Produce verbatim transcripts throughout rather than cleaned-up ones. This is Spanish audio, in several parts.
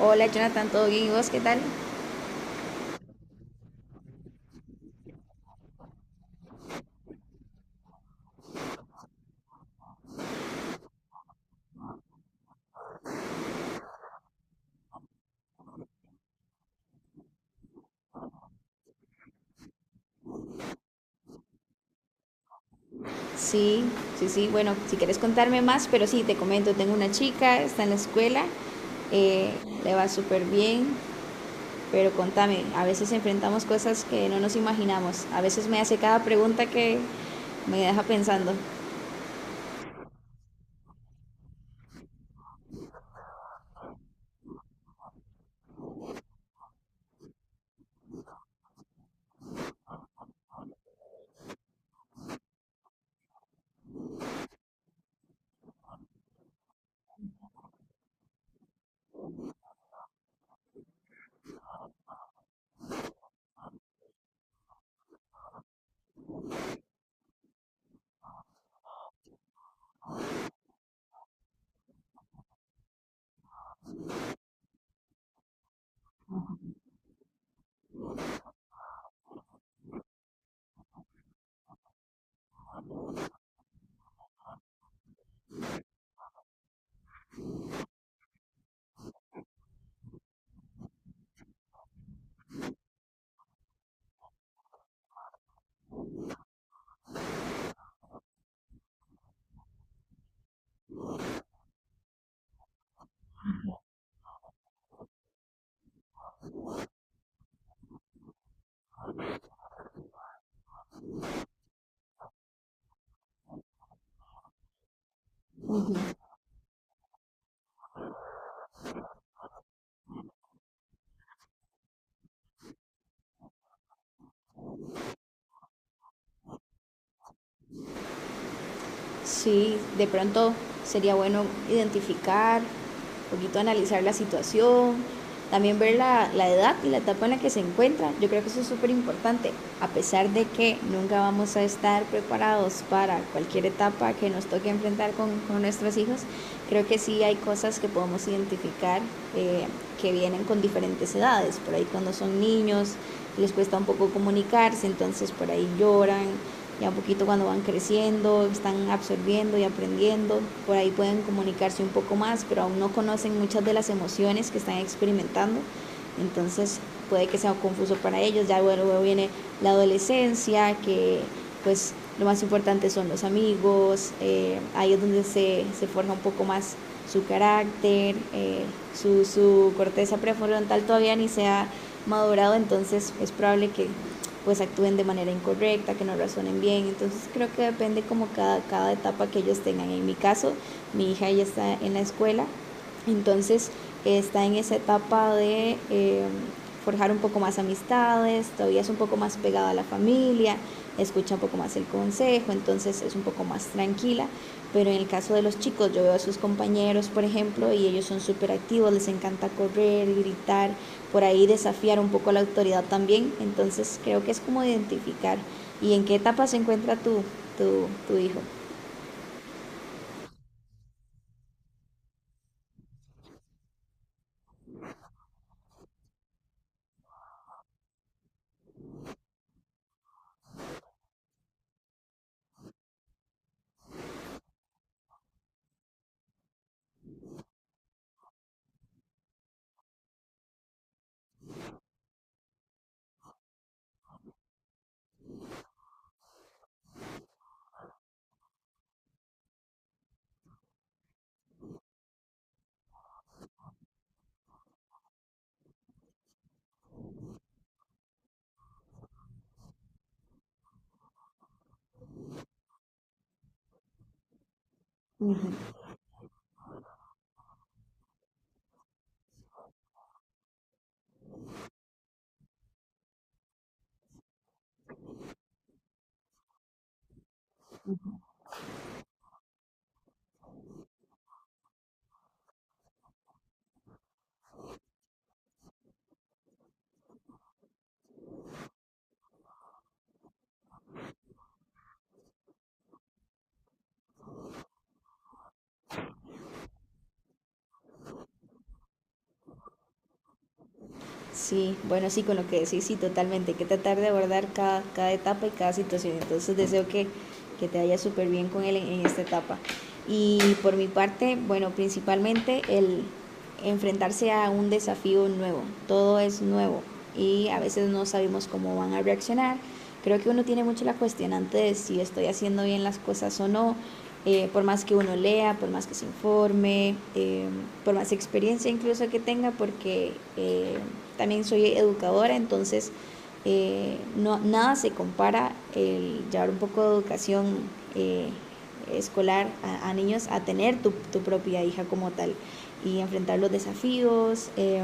Hola Jonathan, ¿todo bien? ¿Y vos qué tal? Sí, sí, sí. Bueno, si quieres contarme más, pero sí, te comento, tengo una chica, está en la escuela, eh, le va súper bien, pero contame, a veces enfrentamos cosas que no nos imaginamos. A veces me hace cada pregunta que me deja pensando. Sí, de pronto sería bueno identificar, un poquito analizar la situación, también ver la, la edad y la etapa en la que se encuentra. Yo creo que eso es súper importante, a pesar de que nunca vamos a estar preparados para cualquier etapa que nos toque enfrentar con, con nuestros hijos, creo que sí hay cosas que podemos identificar, eh, que vienen con diferentes edades. Por ahí cuando son niños les cuesta un poco comunicarse, entonces por ahí lloran ya un poquito cuando van creciendo, están absorbiendo y aprendiendo, por ahí pueden comunicarse un poco más, pero aún no conocen muchas de las emociones que están experimentando, entonces puede que sea confuso para ellos, ya luego viene la adolescencia, que pues lo más importante son los amigos, eh, ahí es donde se, se, forja un poco más su carácter, eh, su, su corteza prefrontal todavía ni se ha madurado, entonces es probable que pues actúen de manera incorrecta, que no razonen bien. Entonces creo que depende como cada, cada etapa que ellos tengan. En mi caso, mi hija ya está en la escuela, entonces eh, está en esa etapa de eh, forjar un poco más amistades, todavía es un poco más pegada a la familia, escucha un poco más el consejo, entonces es un poco más tranquila. Pero en el caso de los chicos, yo veo a sus compañeros, por ejemplo, y ellos son súper activos, les encanta correr, gritar, por ahí desafiar un poco la autoridad también. Entonces creo que es como identificar y en qué etapa se encuentra tu, tu, tu hijo. Sí, bueno, sí, con lo que decís, sí, totalmente. Hay que tratar de abordar cada, cada etapa y cada situación. Entonces deseo que, que te vaya súper bien con él en, en esta etapa. Y por mi parte, bueno, principalmente el enfrentarse a un desafío nuevo. Todo es nuevo y a veces no sabemos cómo van a reaccionar. Creo que uno tiene mucho la cuestionante de si estoy haciendo bien las cosas o no, eh, por más que uno lea, por más que se informe, eh, por más experiencia incluso que tenga, porque eh, también soy educadora, entonces, eh, no, nada se compara el llevar un poco de educación, eh, escolar a, a, niños, a tener tu, tu, propia hija como tal y enfrentar los desafíos. eh,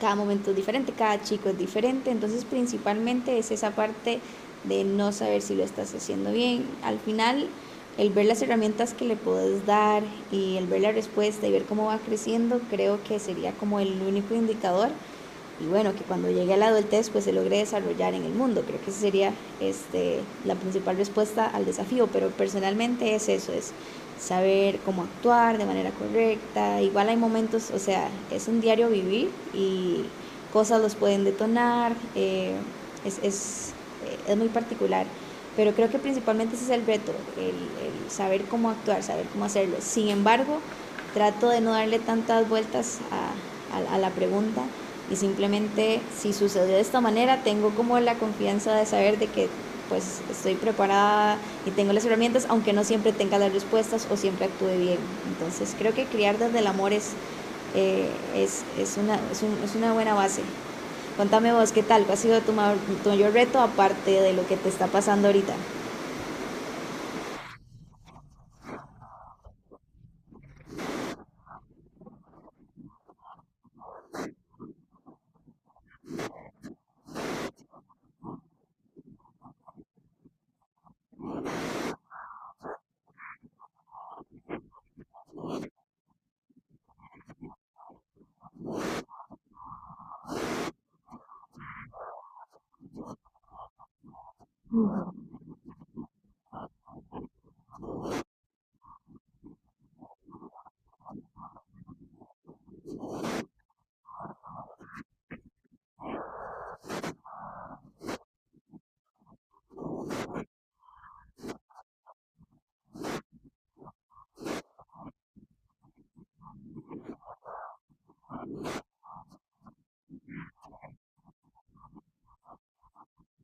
Cada momento es diferente, cada chico es diferente, entonces principalmente es esa parte de no saber si lo estás haciendo bien. Al final, el ver las herramientas que le puedes dar y el ver la respuesta y ver cómo va creciendo, creo que sería como el único indicador y bueno, que cuando llegue a la adultez pues se logre desarrollar en el mundo. Creo que esa sería, este, la principal respuesta al desafío, pero personalmente es eso, es saber cómo actuar de manera correcta. Igual hay momentos, o sea, es un diario vivir y cosas los pueden detonar. eh, es, es, eh, es muy particular. Pero creo que principalmente ese es el reto, el, el saber cómo actuar, saber cómo hacerlo. Sin embargo, trato de no darle tantas vueltas a, a, a la pregunta y simplemente si sucedió de esta manera tengo como la confianza de saber de que pues estoy preparada y tengo las herramientas, aunque no siempre tenga las respuestas o siempre actúe bien. Entonces creo que criar desde el amor es, eh, es, es, una, es, un, es, una buena base. Contame vos, ¿qué tal? ¿Cuál ha sido tu, mayor, tu, mayor reto aparte de lo que te está pasando ahorita?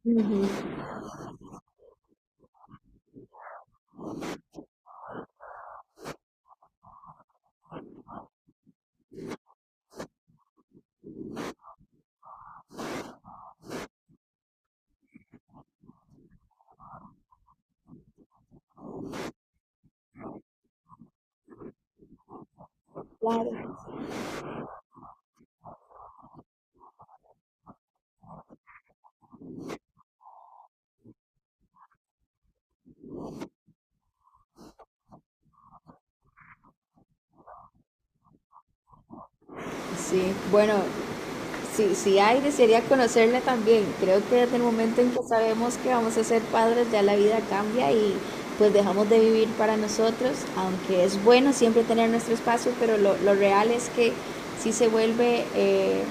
Uh -huh. Claro. Sí, bueno, si si hay, desearía conocerle también. Creo que desde el momento en que sabemos que vamos a ser padres, ya la vida cambia y pues dejamos de vivir para nosotros, aunque es bueno siempre tener nuestro espacio, pero lo, lo real es que sí se vuelve, eh,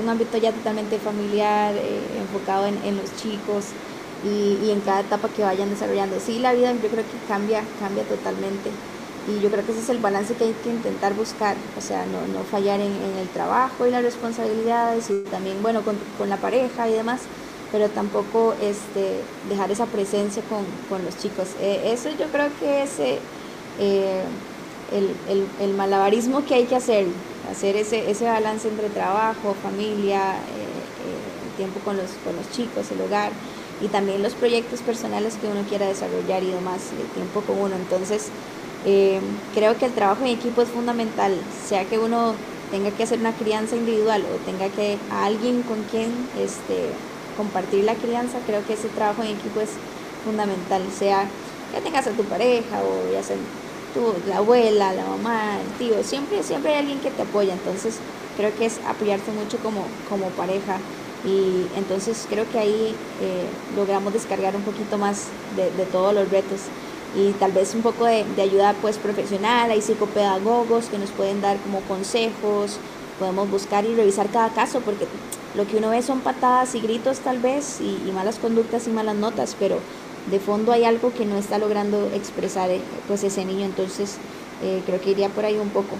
un ámbito ya totalmente familiar, eh, enfocado en, en, los chicos y, y, en cada etapa que vayan desarrollando. Sí, la vida yo creo que cambia, cambia totalmente. Y yo creo que ese es el balance que hay que intentar buscar, o sea, no, no fallar en, en el trabajo y las responsabilidades y también, bueno, con, con la pareja y demás, pero tampoco, este, dejar esa presencia con, con los chicos. Eh, eso yo creo que es, eh, eh, el, el, el malabarismo que hay que hacer, hacer ese, ese balance entre trabajo, familia, eh, eh, el tiempo con los, con los chicos, el hogar y también los proyectos personales que uno quiera desarrollar y demás, el tiempo con uno. Entonces, eh, creo que el trabajo en equipo es fundamental, sea que uno tenga que hacer una crianza individual o tenga que a alguien con quien, este, compartir la crianza, creo que ese trabajo en equipo es fundamental, sea que tengas a tu pareja o ya sea tu, la abuela, la mamá, el tío, siempre, siempre hay alguien que te apoya, entonces creo que es apoyarse mucho como, como pareja y entonces creo que ahí, eh, logramos descargar un poquito más de, de todos los retos y tal vez un poco de, de ayuda pues profesional, hay psicopedagogos que nos pueden dar como consejos, podemos buscar y revisar cada caso porque lo que uno ve son patadas y gritos tal vez y, y malas conductas y malas notas, pero de fondo hay algo que no está logrando expresar, eh, pues ese niño, entonces eh, creo que iría por ahí un poco.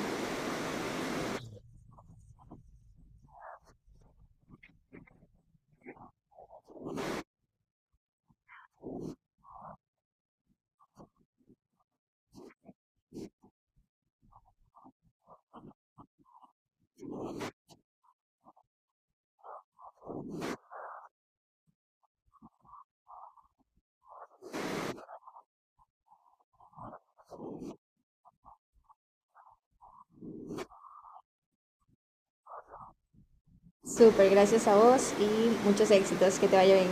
Súper, gracias a vos y muchos éxitos, que te vaya bien.